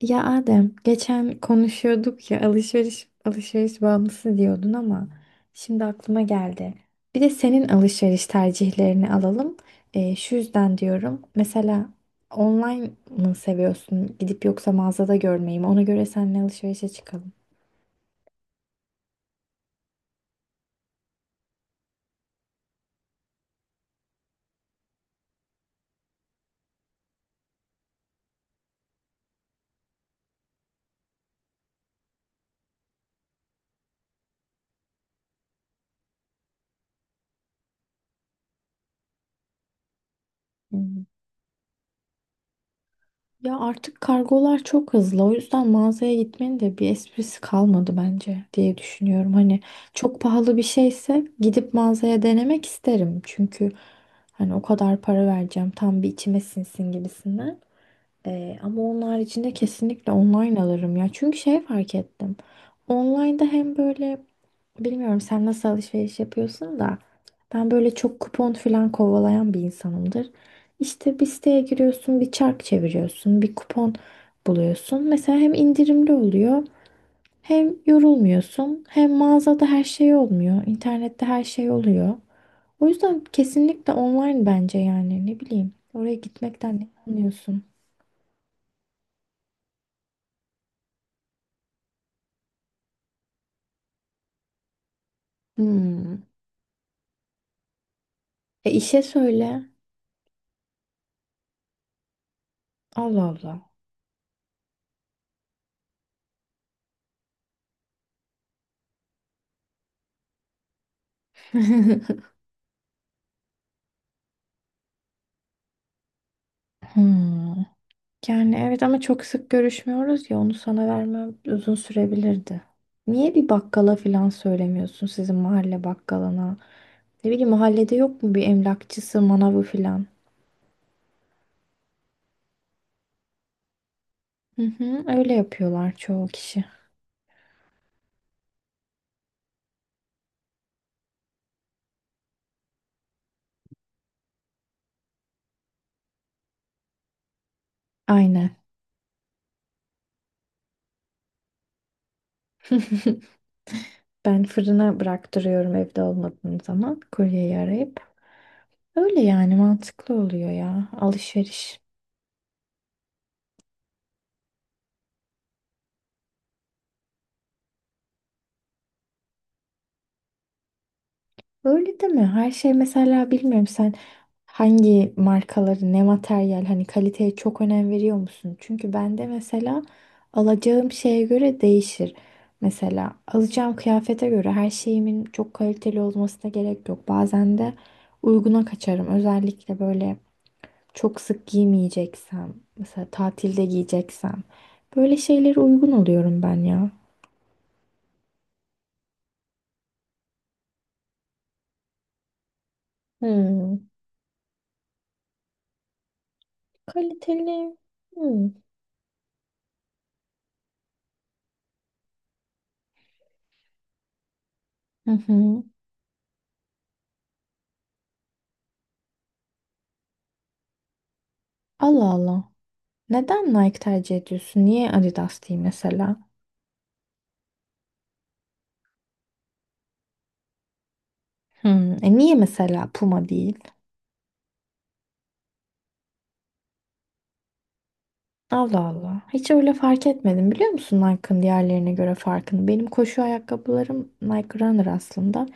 Ya Adem, geçen konuşuyorduk ya alışveriş bağımlısı diyordun ama şimdi aklıma geldi. Bir de senin alışveriş tercihlerini alalım. Şu yüzden diyorum. Mesela online mı seviyorsun? Gidip yoksa mağazada görmeyi mi? Ona göre seninle alışverişe çıkalım. Ya artık kargolar çok hızlı. O yüzden mağazaya gitmenin de bir esprisi kalmadı bence diye düşünüyorum. Hani çok pahalı bir şeyse gidip mağazaya denemek isterim. Çünkü hani o kadar para vereceğim tam bir içime sinsin gibisinden. Ama onlar için de kesinlikle online alırım ya. Çünkü şey fark ettim. Online'da hem böyle bilmiyorum sen nasıl alışveriş yapıyorsun da ben böyle çok kupon falan kovalayan bir insanımdır. İşte bir siteye giriyorsun, bir çark çeviriyorsun, bir kupon buluyorsun. Mesela hem indirimli oluyor, hem yorulmuyorsun, hem mağazada her şey olmuyor, internette her şey oluyor. O yüzden kesinlikle online bence yani ne bileyim. Oraya gitmekten ne anlıyorsun? Hmm. E işe söyle. Allah Allah. Hmm. Yani evet ama çok sık görüşmüyoruz ya onu sana vermem uzun sürebilirdi. Niye bir bakkala falan söylemiyorsun sizin mahalle bakkalına? Ne bileyim mahallede yok mu bir emlakçısı, manavı falan? Hı hı, öyle yapıyorlar çoğu kişi. Aynen. Ben fırına bıraktırıyorum evde olmadığım zaman kuryeyi arayıp. Öyle yani mantıklı oluyor ya alışveriş. Öyle değil mi? Her şey mesela bilmiyorum sen hangi markaları ne materyal hani kaliteye çok önem veriyor musun? Çünkü bende mesela alacağım şeye göre değişir. Mesela alacağım kıyafete göre her şeyimin çok kaliteli olmasına gerek yok. Bazen de uyguna kaçarım. Özellikle böyle çok sık giymeyeceksem, mesela tatilde giyeceksem böyle şeylere uygun oluyorum ben ya. Hmm. Kaliteli. Hmm. Hı hı. Allah Allah. Neden Nike tercih ediyorsun? Niye Adidas değil mesela? Hmm, e niye mesela Puma değil? Allah Allah. Hiç öyle fark etmedim biliyor musun Nike'ın diğerlerine göre farkını? Benim koşu ayakkabılarım Nike Runner aslında.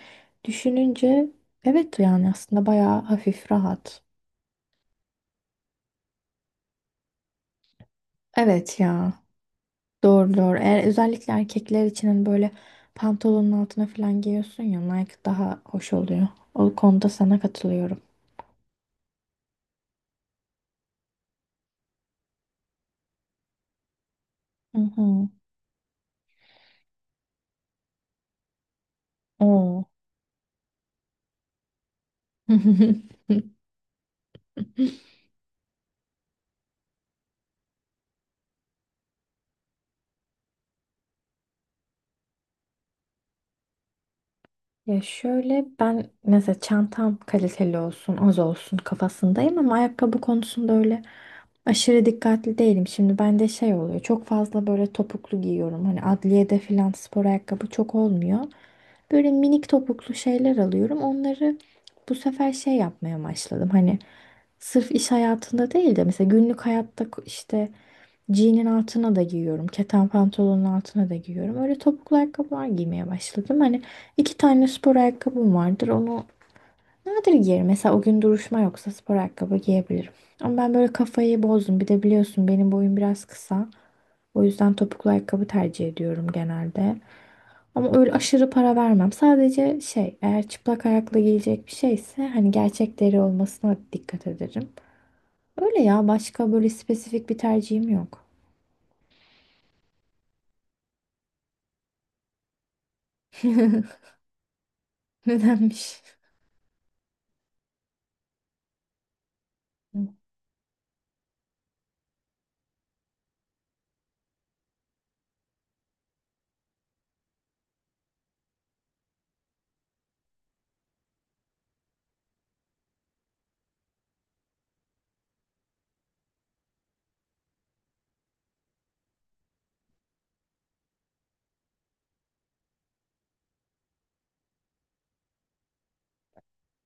Düşününce evet yani aslında bayağı hafif rahat. Evet ya. Doğru doğru. Eğer özellikle erkekler için hani böyle pantolonun altına falan giyiyorsun ya Nike daha hoş oluyor. O konuda sana katılıyorum. Hı hı. Oo. Ya şöyle ben mesela çantam kaliteli olsun, az olsun kafasındayım ama ayakkabı konusunda öyle aşırı dikkatli değilim. Şimdi bende şey oluyor. Çok fazla böyle topuklu giyiyorum. Hani adliyede filan spor ayakkabı çok olmuyor. Böyle minik topuklu şeyler alıyorum. Onları bu sefer şey yapmaya başladım. Hani sırf iş hayatında değil de mesela günlük hayatta işte Jean'in altına da giyiyorum. Keten pantolonun altına da giyiyorum. Öyle topuklu ayakkabılar giymeye başladım. Hani iki tane spor ayakkabım vardır. Onu nadir giyerim. Mesela o gün duruşma yoksa spor ayakkabı giyebilirim. Ama ben böyle kafayı bozdum. Bir de biliyorsun benim boyum biraz kısa. O yüzden topuklu ayakkabı tercih ediyorum genelde. Ama öyle aşırı para vermem. Sadece şey eğer çıplak ayakla giyecek bir şeyse hani gerçek deri olmasına dikkat ederim. Öyle ya başka böyle spesifik bir tercihim yok. Nedenmiş?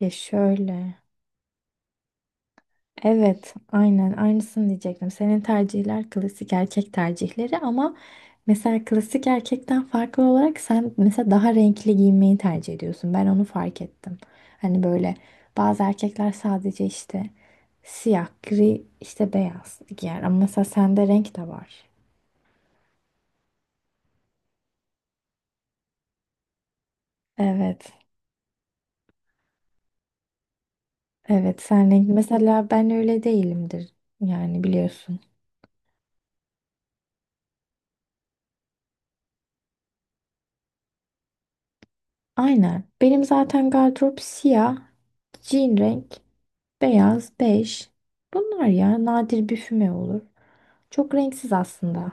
Ya şöyle. Evet, aynen aynısını diyecektim. Senin tercihler klasik erkek tercihleri ama mesela klasik erkekten farklı olarak sen mesela daha renkli giyinmeyi tercih ediyorsun. Ben onu fark ettim. Hani böyle bazı erkekler sadece işte siyah, gri, işte beyaz giyer ama mesela sende renk de var. Evet. Evet, sen renkli. Mesela ben öyle değilimdir. Yani biliyorsun. Aynen. Benim zaten gardırop siyah, jean renk, beyaz, bej. Bunlar ya nadir bir füme olur. Çok renksiz aslında.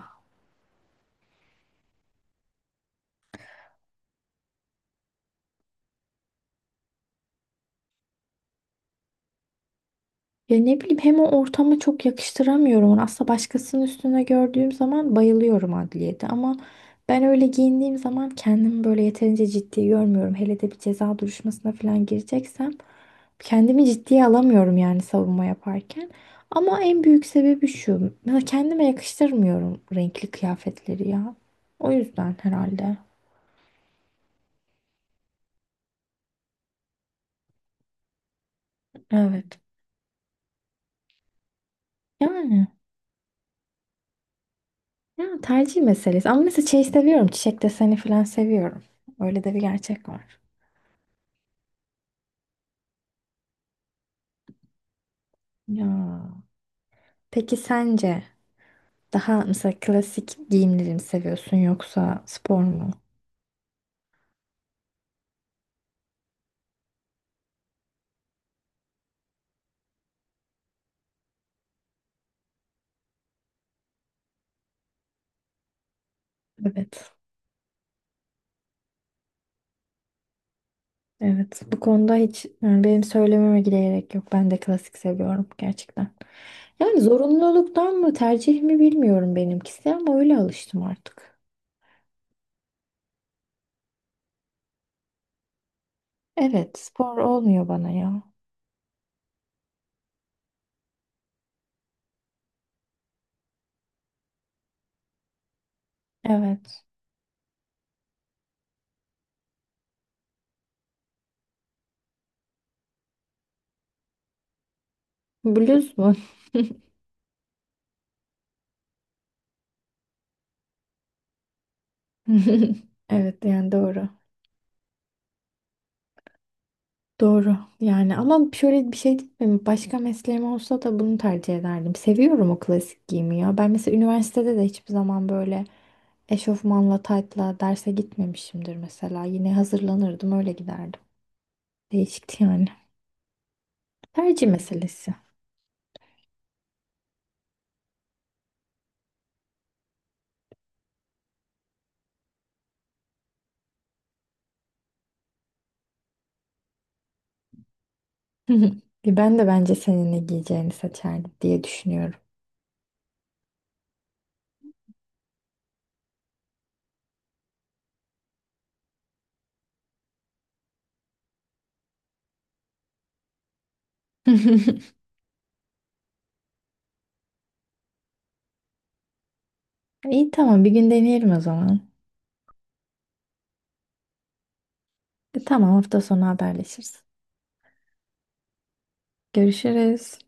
Ya ne bileyim hem o ortama çok yakıştıramıyorum onu. Aslında başkasının üstüne gördüğüm zaman bayılıyorum adliyede ama ben öyle giyindiğim zaman kendimi böyle yeterince ciddi görmüyorum. Hele de bir ceza duruşmasına falan gireceksem kendimi ciddiye alamıyorum yani savunma yaparken. Ama en büyük sebebi şu. Mesela kendime yakıştırmıyorum renkli kıyafetleri ya. O yüzden herhalde. Evet. Yani ya tercih meselesi. Ama mesela şey seviyorum. Çiçek deseni falan seviyorum. Öyle de bir gerçek var. Ya. Peki sence daha mesela klasik giyimleri mi seviyorsun yoksa spor mu? Evet. Evet. Bu konuda hiç yani benim söylememe bile gerek yok. Ben de klasik seviyorum gerçekten. Yani zorunluluktan mı tercih mi bilmiyorum benimkisi ama öyle alıştım artık. Evet, spor olmuyor bana ya. Evet. Bluz mu? Evet yani doğru. Doğru yani ama şöyle bir şey değil mi? Başka mesleğim olsa da bunu tercih ederdim. Seviyorum o klasik giyimi ya. Ben mesela üniversitede de hiçbir zaman böyle eşofmanla taytla derse gitmemişimdir mesela. Yine hazırlanırdım öyle giderdim. Değişikti yani. Tercih meselesi. Ben de bence senin ne giyeceğini seçerdim diye düşünüyorum. İyi tamam bir gün deneyelim o zaman. E, tamam hafta sonu haberleşiriz. Görüşürüz.